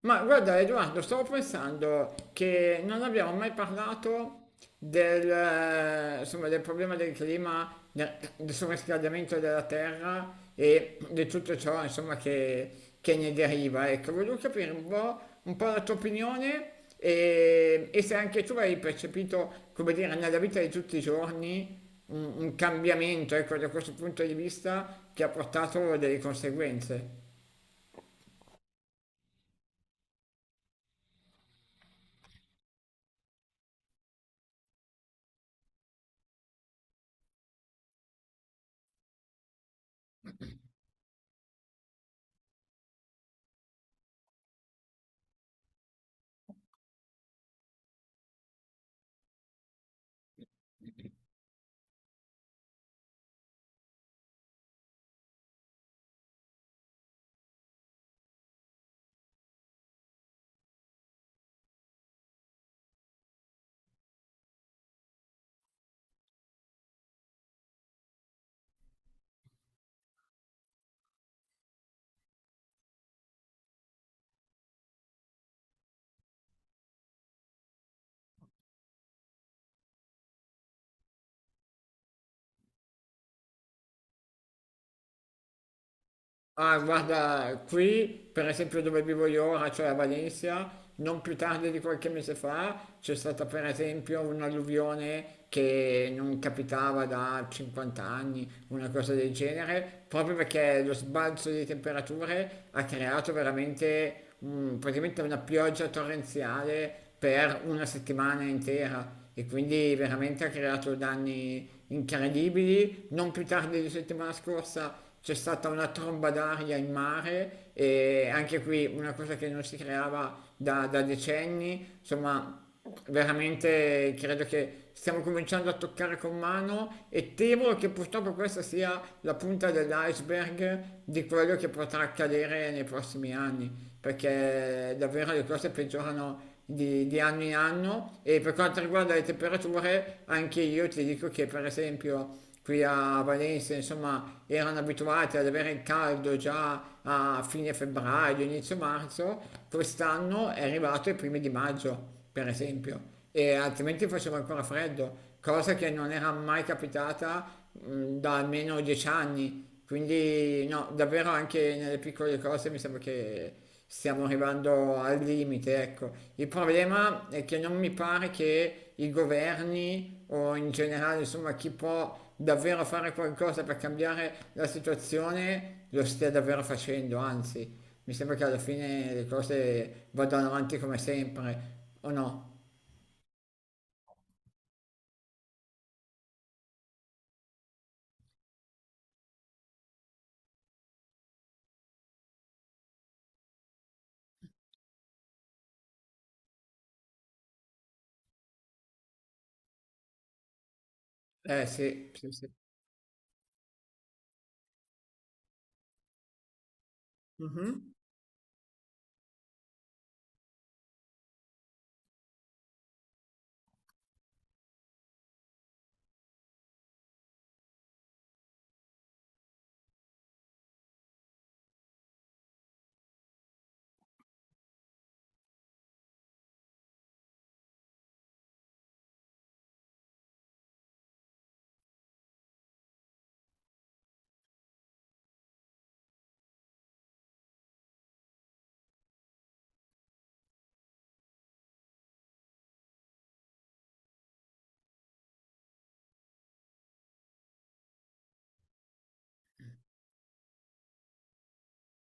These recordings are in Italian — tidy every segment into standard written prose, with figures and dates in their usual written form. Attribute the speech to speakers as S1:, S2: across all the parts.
S1: Ma guarda Edoardo, stavo pensando che non abbiamo mai parlato insomma, del problema del clima, del surriscaldamento della terra e di tutto ciò, insomma, che ne deriva. Ecco, volevo capire un po' la tua opinione e se anche tu hai percepito, come dire, nella vita di tutti i giorni un cambiamento, ecco, da questo punto di vista che ha portato delle conseguenze. Ah, guarda, qui, per esempio dove vivo io ora, cioè a Valencia, non più tardi di qualche mese fa, c'è stata per esempio un'alluvione che non capitava da 50 anni, una cosa del genere, proprio perché lo sbalzo di temperature ha creato veramente praticamente una pioggia torrenziale per una settimana intera. E quindi veramente ha creato danni incredibili. Non più tardi di settimana scorsa c'è stata una tromba d'aria in mare e anche qui una cosa che non si creava da decenni, insomma veramente credo che stiamo cominciando a toccare con mano e temo che purtroppo questa sia la punta dell'iceberg di quello che potrà accadere nei prossimi anni, perché davvero le cose peggiorano di anno in anno e per quanto riguarda le temperature anche io ti dico che per esempio qui a Varese, insomma, erano abituati ad avere il caldo già a fine febbraio, inizio marzo, quest'anno è arrivato ai primi di maggio, per esempio, e altrimenti faceva ancora freddo, cosa che non era mai capitata da almeno 10 anni, quindi no, davvero anche nelle piccole cose mi sembra che stiamo arrivando al limite, ecco. Il problema è che non mi pare che i governi o in generale, insomma, chi può davvero fare qualcosa per cambiare la situazione lo stia davvero facendo, anzi, mi sembra che alla fine le cose vadano avanti come sempre, o no? Eh sì, sì, sì. Mhm.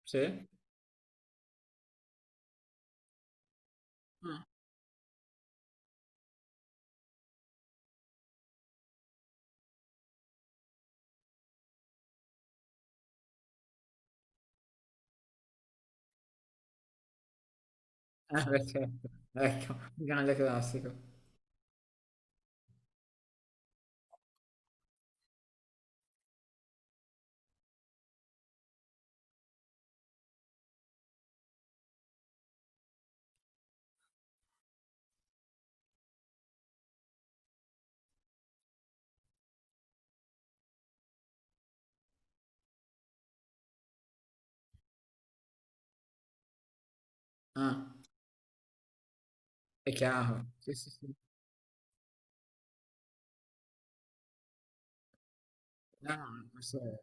S1: Sì. Ah, beh, certo. Ecco, grande classico. Ah. È chiaro, sì, sì, sì. No, no. questo è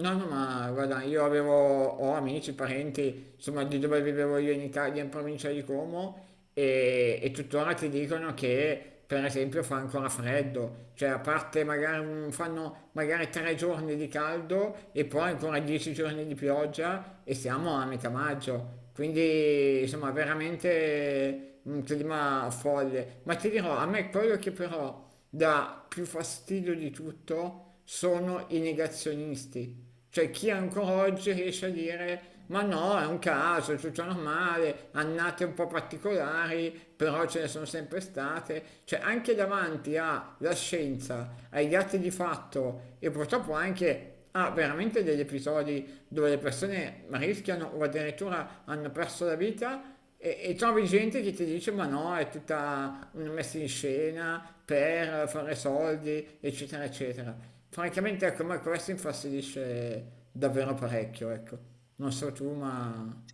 S1: No, no, ma guarda, io avevo, ho amici, parenti, insomma, di dove vivevo io in Italia, in provincia di Como, e tuttora ti dicono che, per esempio, fa ancora freddo, cioè a parte magari fanno magari 3 giorni di caldo e poi ancora 10 giorni di pioggia e siamo a metà maggio. Quindi, insomma, veramente un clima folle. Ma ti dirò, a me quello che però dà più fastidio di tutto sono i negazionisti, cioè, chi ancora oggi riesce a dire ma no, è un caso, è tutto normale, annate un po' particolari, però ce ne sono sempre state. Cioè, anche davanti alla scienza, ai dati di fatto e purtroppo anche a veramente degli episodi dove le persone rischiano o addirittura hanno perso la vita. E trovi gente che ti dice ma no, è tutta una messa in scena per fare soldi, eccetera, eccetera. Francamente, ecco, ma questo infastidisce davvero parecchio, ecco. Non so tu, ma...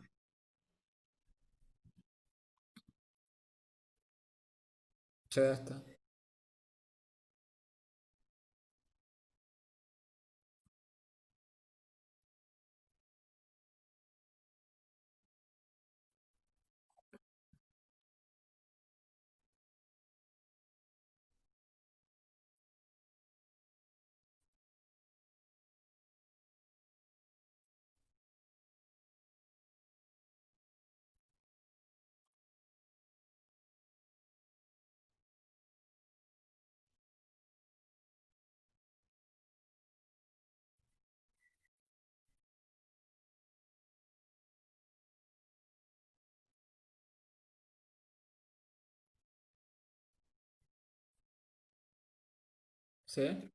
S1: Certo, sì.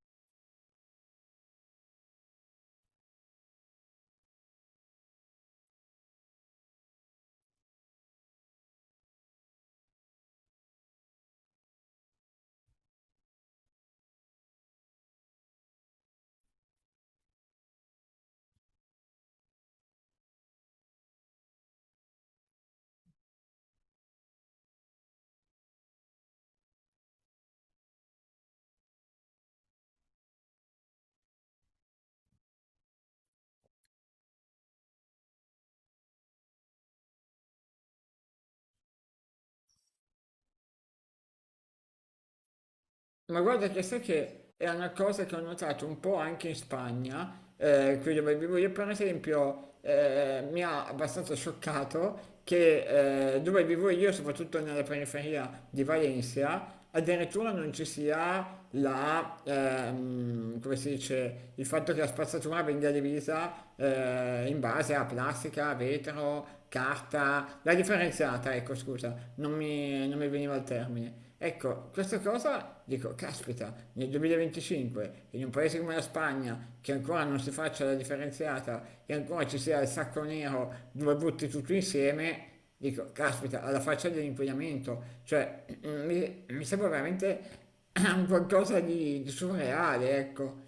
S1: Ma guarda che sai che è una cosa che ho notato un po' anche in Spagna, qui dove vivo io, per esempio, mi ha abbastanza scioccato che dove vivo io, soprattutto nella periferia di Valencia, addirittura non ci sia la, come si dice, il fatto che la spazzatura venga divisa in base a plastica, vetro, carta, la differenziata, ecco scusa, non mi veniva il termine. Ecco, questa cosa dico, caspita, nel 2025, in un paese come la Spagna, che ancora non si faccia la differenziata e ancora ci sia il sacco nero dove butti tutto insieme. Dico, caspita, alla faccia dell'inquinamento, cioè mi sembra veramente un qualcosa di surreale, ecco.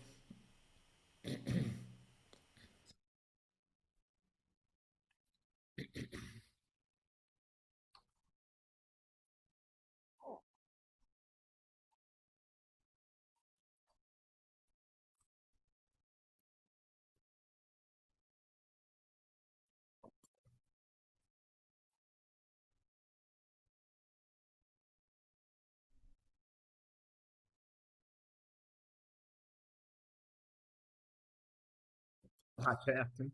S1: Ah, certo,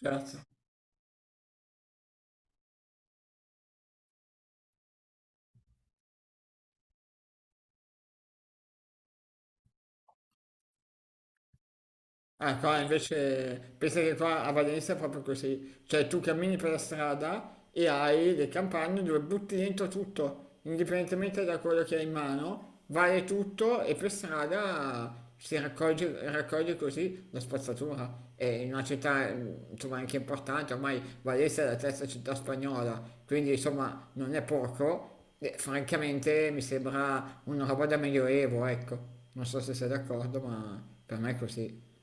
S1: certo. Ah, qua invece pensa che qua a Valencia è proprio così, cioè tu cammini per la strada e hai le campagne dove butti dentro tutto, indipendentemente da quello che hai in mano, vale tutto e per strada si raccoglie, raccoglie così la spazzatura. È in una città insomma anche importante, ormai Valencia è la terza città spagnola, quindi insomma non è poco, e francamente mi sembra una roba da medioevo, ecco. Non so se sei d'accordo, ma per me è così.